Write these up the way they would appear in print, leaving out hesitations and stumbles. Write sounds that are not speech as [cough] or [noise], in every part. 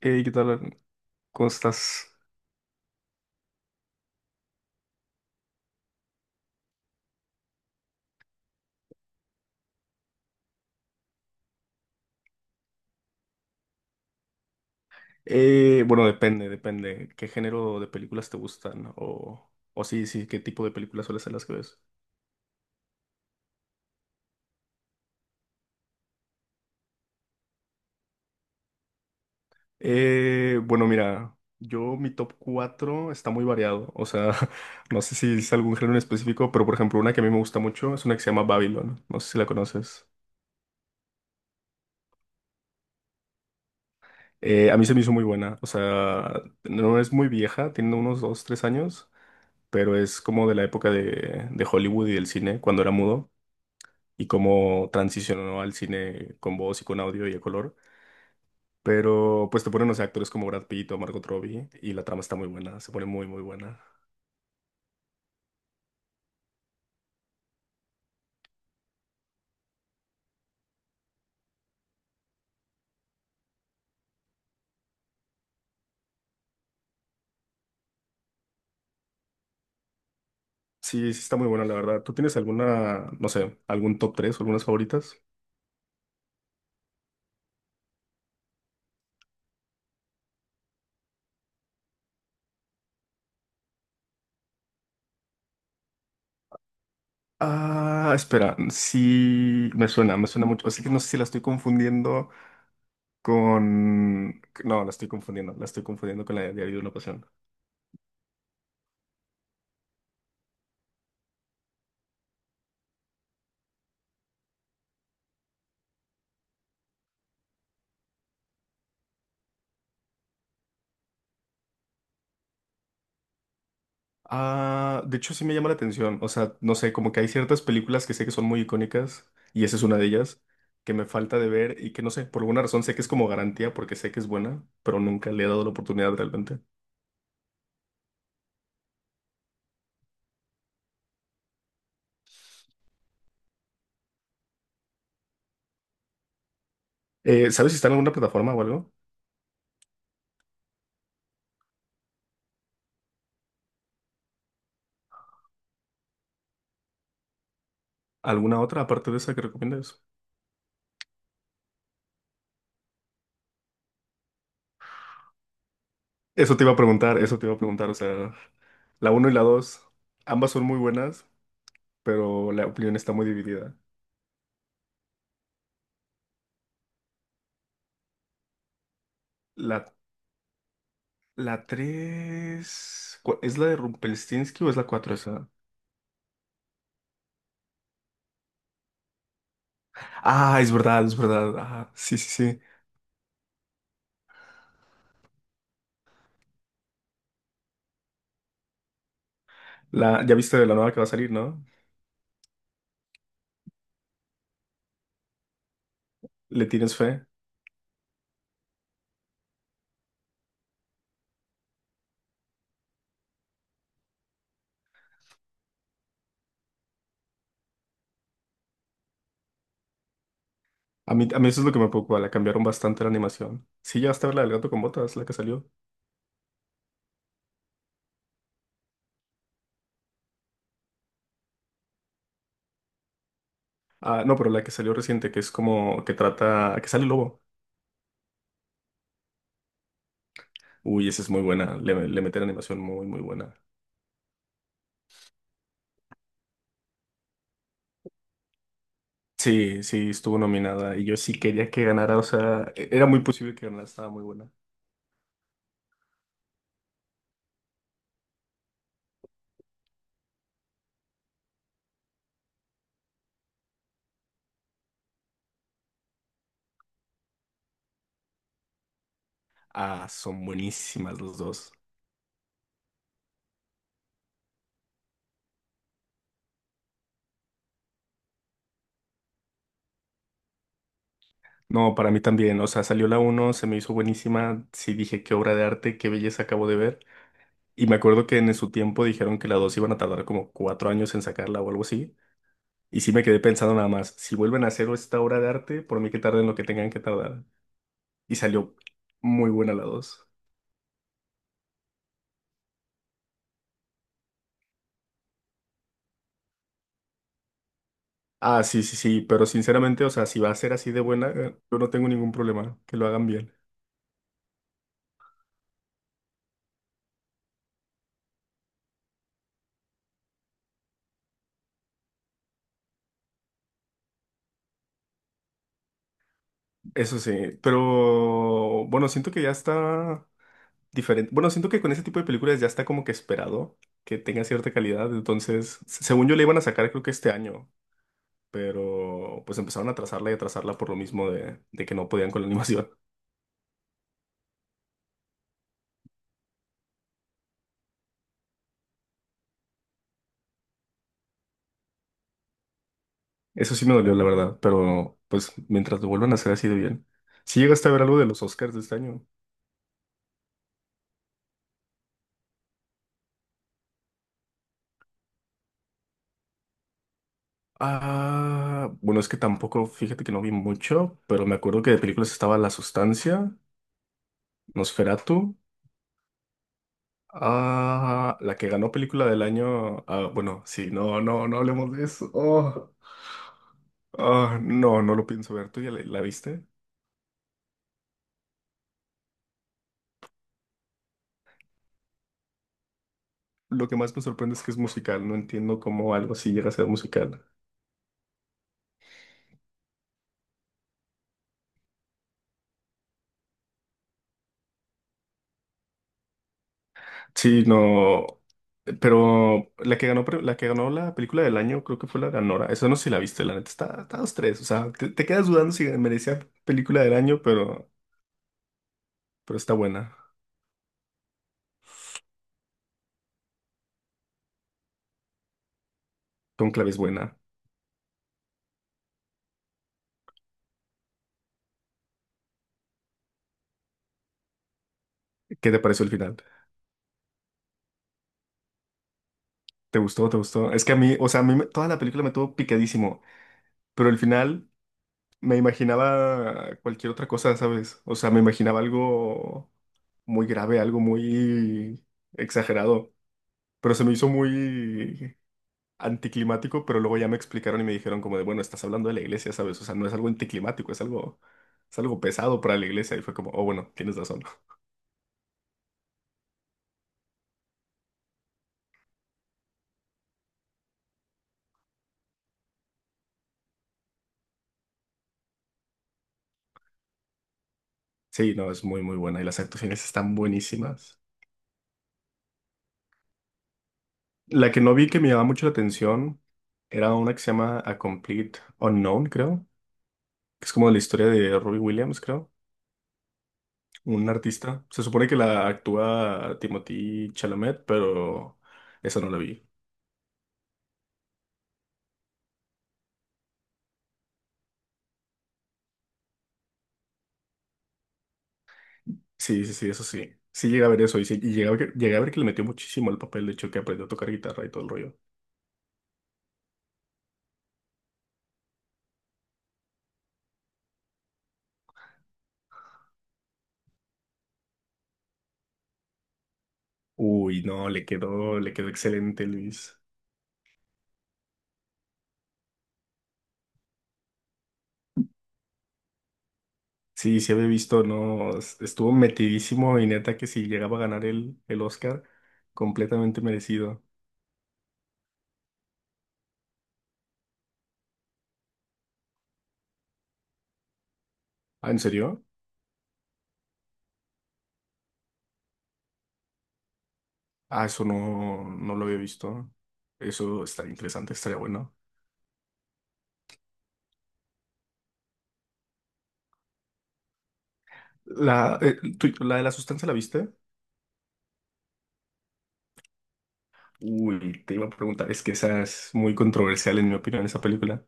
Hey, ¿qué tal, Arn? ¿Cómo estás? Bueno, depende. ¿Qué género de películas te gustan? O sí, sí, ¿qué tipo de películas suelen ser las que ves? Bueno, mira, yo mi top 4 está muy variado. O sea, [laughs] no sé si es algún género en específico, pero por ejemplo, una que a mí me gusta mucho es una que se llama Babylon. No sé si la conoces. A mí se me hizo muy buena. O sea, no es muy vieja, tiene unos 2, 3 años, pero es como de la época de Hollywood y del cine, cuando era mudo. Y cómo transicionó al cine con voz y con audio y a color. Pero pues te ponen, o sea, actores como Brad Pitt o Margot Robbie, y la trama está muy buena, se pone muy, muy buena. Sí, sí está muy buena, la verdad. ¿Tú tienes alguna, no sé, algún top 3 o algunas favoritas? Ah, espera, sí, me suena mucho. Así que no sé si la estoy confundiendo con... No, la estoy confundiendo con la de Diario de una Pasión. Ah, de hecho sí me llama la atención. O sea, no sé, como que hay ciertas películas que sé que son muy icónicas, y esa es una de ellas, que me falta de ver y que no sé, por alguna razón sé que es como garantía porque sé que es buena, pero nunca le he dado la oportunidad realmente. ¿Sabes si está en alguna plataforma o algo? ¿Alguna otra aparte de esa que recomiendas? Eso te iba a preguntar, eso te iba a preguntar. O sea, la uno y la 2 ambas son muy buenas, pero la opinión está muy dividida. La, la tres, ¿es la de Rumpelstiltskin o es la 4 esa? Ah, es verdad, es verdad. Ah, sí, sí, sí. Ya viste de la nueva que va a salir, ¿no? ¿Le tienes fe? A mí eso es lo que me preocupa, la cambiaron bastante la animación. Sí, ya está la del gato con botas, la que salió. Ah, no, pero la que salió reciente, que es como que trata, que sale el lobo. Uy, esa es muy buena, le meten animación muy, muy buena. Sí, sí, estuvo nominada y yo sí quería que ganara, o sea, era muy posible que ganara, estaba muy buena. Ah, son buenísimas los dos. No, para mí también, o sea, salió la uno, se me hizo buenísima, sí dije qué obra de arte, qué belleza acabo de ver. Y me acuerdo que en su tiempo dijeron que la 2 iban a tardar como cuatro años en sacarla o algo así. Y sí me quedé pensando nada más, si vuelven a hacer esta obra de arte, por mí que tarden lo que tengan que tardar. Y salió muy buena la dos. Ah, sí, sí, sí, pero sinceramente, o sea, si va a ser así de buena, yo no tengo ningún problema, que lo hagan bien. Eso sí, pero bueno, siento que ya está diferente. Bueno, siento que con ese tipo de películas ya está como que esperado que tenga cierta calidad. Entonces, según yo le iban a sacar creo que este año, pero pues empezaron a atrasarla y atrasarla por lo mismo de que no podían con la [laughs] animación. Eso sí me dolió, la verdad, pero pues mientras lo vuelvan a hacer así de bien. Si llegaste a ver algo de los Oscars de este año. Ah, bueno, es que tampoco, fíjate que no vi mucho, pero me acuerdo que de películas estaba La Sustancia, Nosferatu. Ah, la que ganó película del año. Ah, bueno, sí, no, no, no hablemos de eso. Oh, ah, no, no lo pienso ver. ¿Tú ya la viste? Lo que más me sorprende es que es musical. No entiendo cómo algo así llega a ser musical. Sí, no. Pero la que ganó, la que ganó la película del año, creo que fue la ganora. Eso no sé si la viste, la neta. Está, está dos, tres. O sea, te quedas dudando si merecía película del año, pero está buena. Cónclave es buena. ¿Qué te pareció el final? ¿Te gustó? ¿Te gustó? Es que a mí, o sea, a mí toda la película me tuvo picadísimo, pero al final me imaginaba cualquier otra cosa, ¿sabes? O sea, me imaginaba algo muy grave, algo muy exagerado, pero se me hizo muy anticlimático, pero luego ya me explicaron y me dijeron como de, bueno, estás hablando de la iglesia, ¿sabes? O sea, no es algo anticlimático, es algo pesado para la iglesia y fue como, oh, bueno, tienes razón. [laughs] Sí, no, es muy, muy buena y las actuaciones están buenísimas. La que no vi que me llamaba mucho la atención era una que se llama A Complete Unknown, creo, que es como la historia de Robbie Williams, creo, un artista. Se supone que la actúa Timothée Chalamet, pero esa no la vi. Sí, sí, sí, eso sí. Sí llegué a ver eso y, sí, y llegué a ver que le metió muchísimo al papel, de hecho, que aprendió a tocar guitarra y todo el rollo. Uy, no, le quedó excelente, Luis. Sí, sí había visto, no, estuvo metidísimo y neta que si llegaba a ganar el Oscar, completamente merecido. Ah, ¿en serio? Ah, eso no, no lo había visto. Eso está interesante, estaría bueno. La, la de la sustancia, ¿la viste? Uy, te iba a preguntar, es que esa es muy controversial en mi opinión, esa película.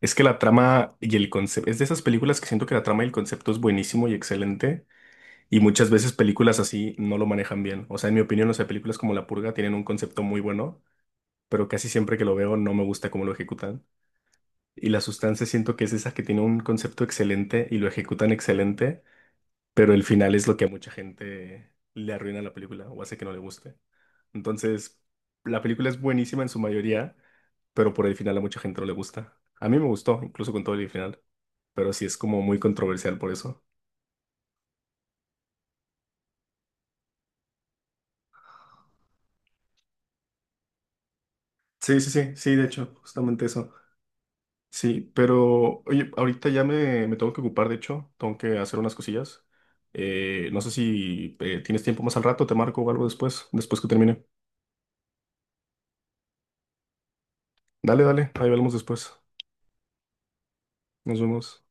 Es que la trama y el concepto, es de esas películas que siento que la trama y el concepto es buenísimo y excelente, y muchas veces películas así no lo manejan bien. O sea, en mi opinión, o sea, películas como La Purga tienen un concepto muy bueno, pero casi siempre que lo veo no me gusta cómo lo ejecutan. Y La Sustancia siento que es esa que tiene un concepto excelente y lo ejecutan excelente, pero el final es lo que a mucha gente le arruina la película o hace que no le guste. Entonces, la película es buenísima en su mayoría, pero por el final a mucha gente no le gusta. A mí me gustó, incluso con todo el final, pero sí es como muy controversial por eso. Sí, sí, sí, sí, de hecho, justamente eso. Sí, pero oye, ahorita ya me tengo que ocupar, de hecho, tengo que hacer unas cosillas. No sé si tienes tiempo más al rato, te marco o algo después, después que termine. Dale, dale, ahí hablamos después. Nos vemos.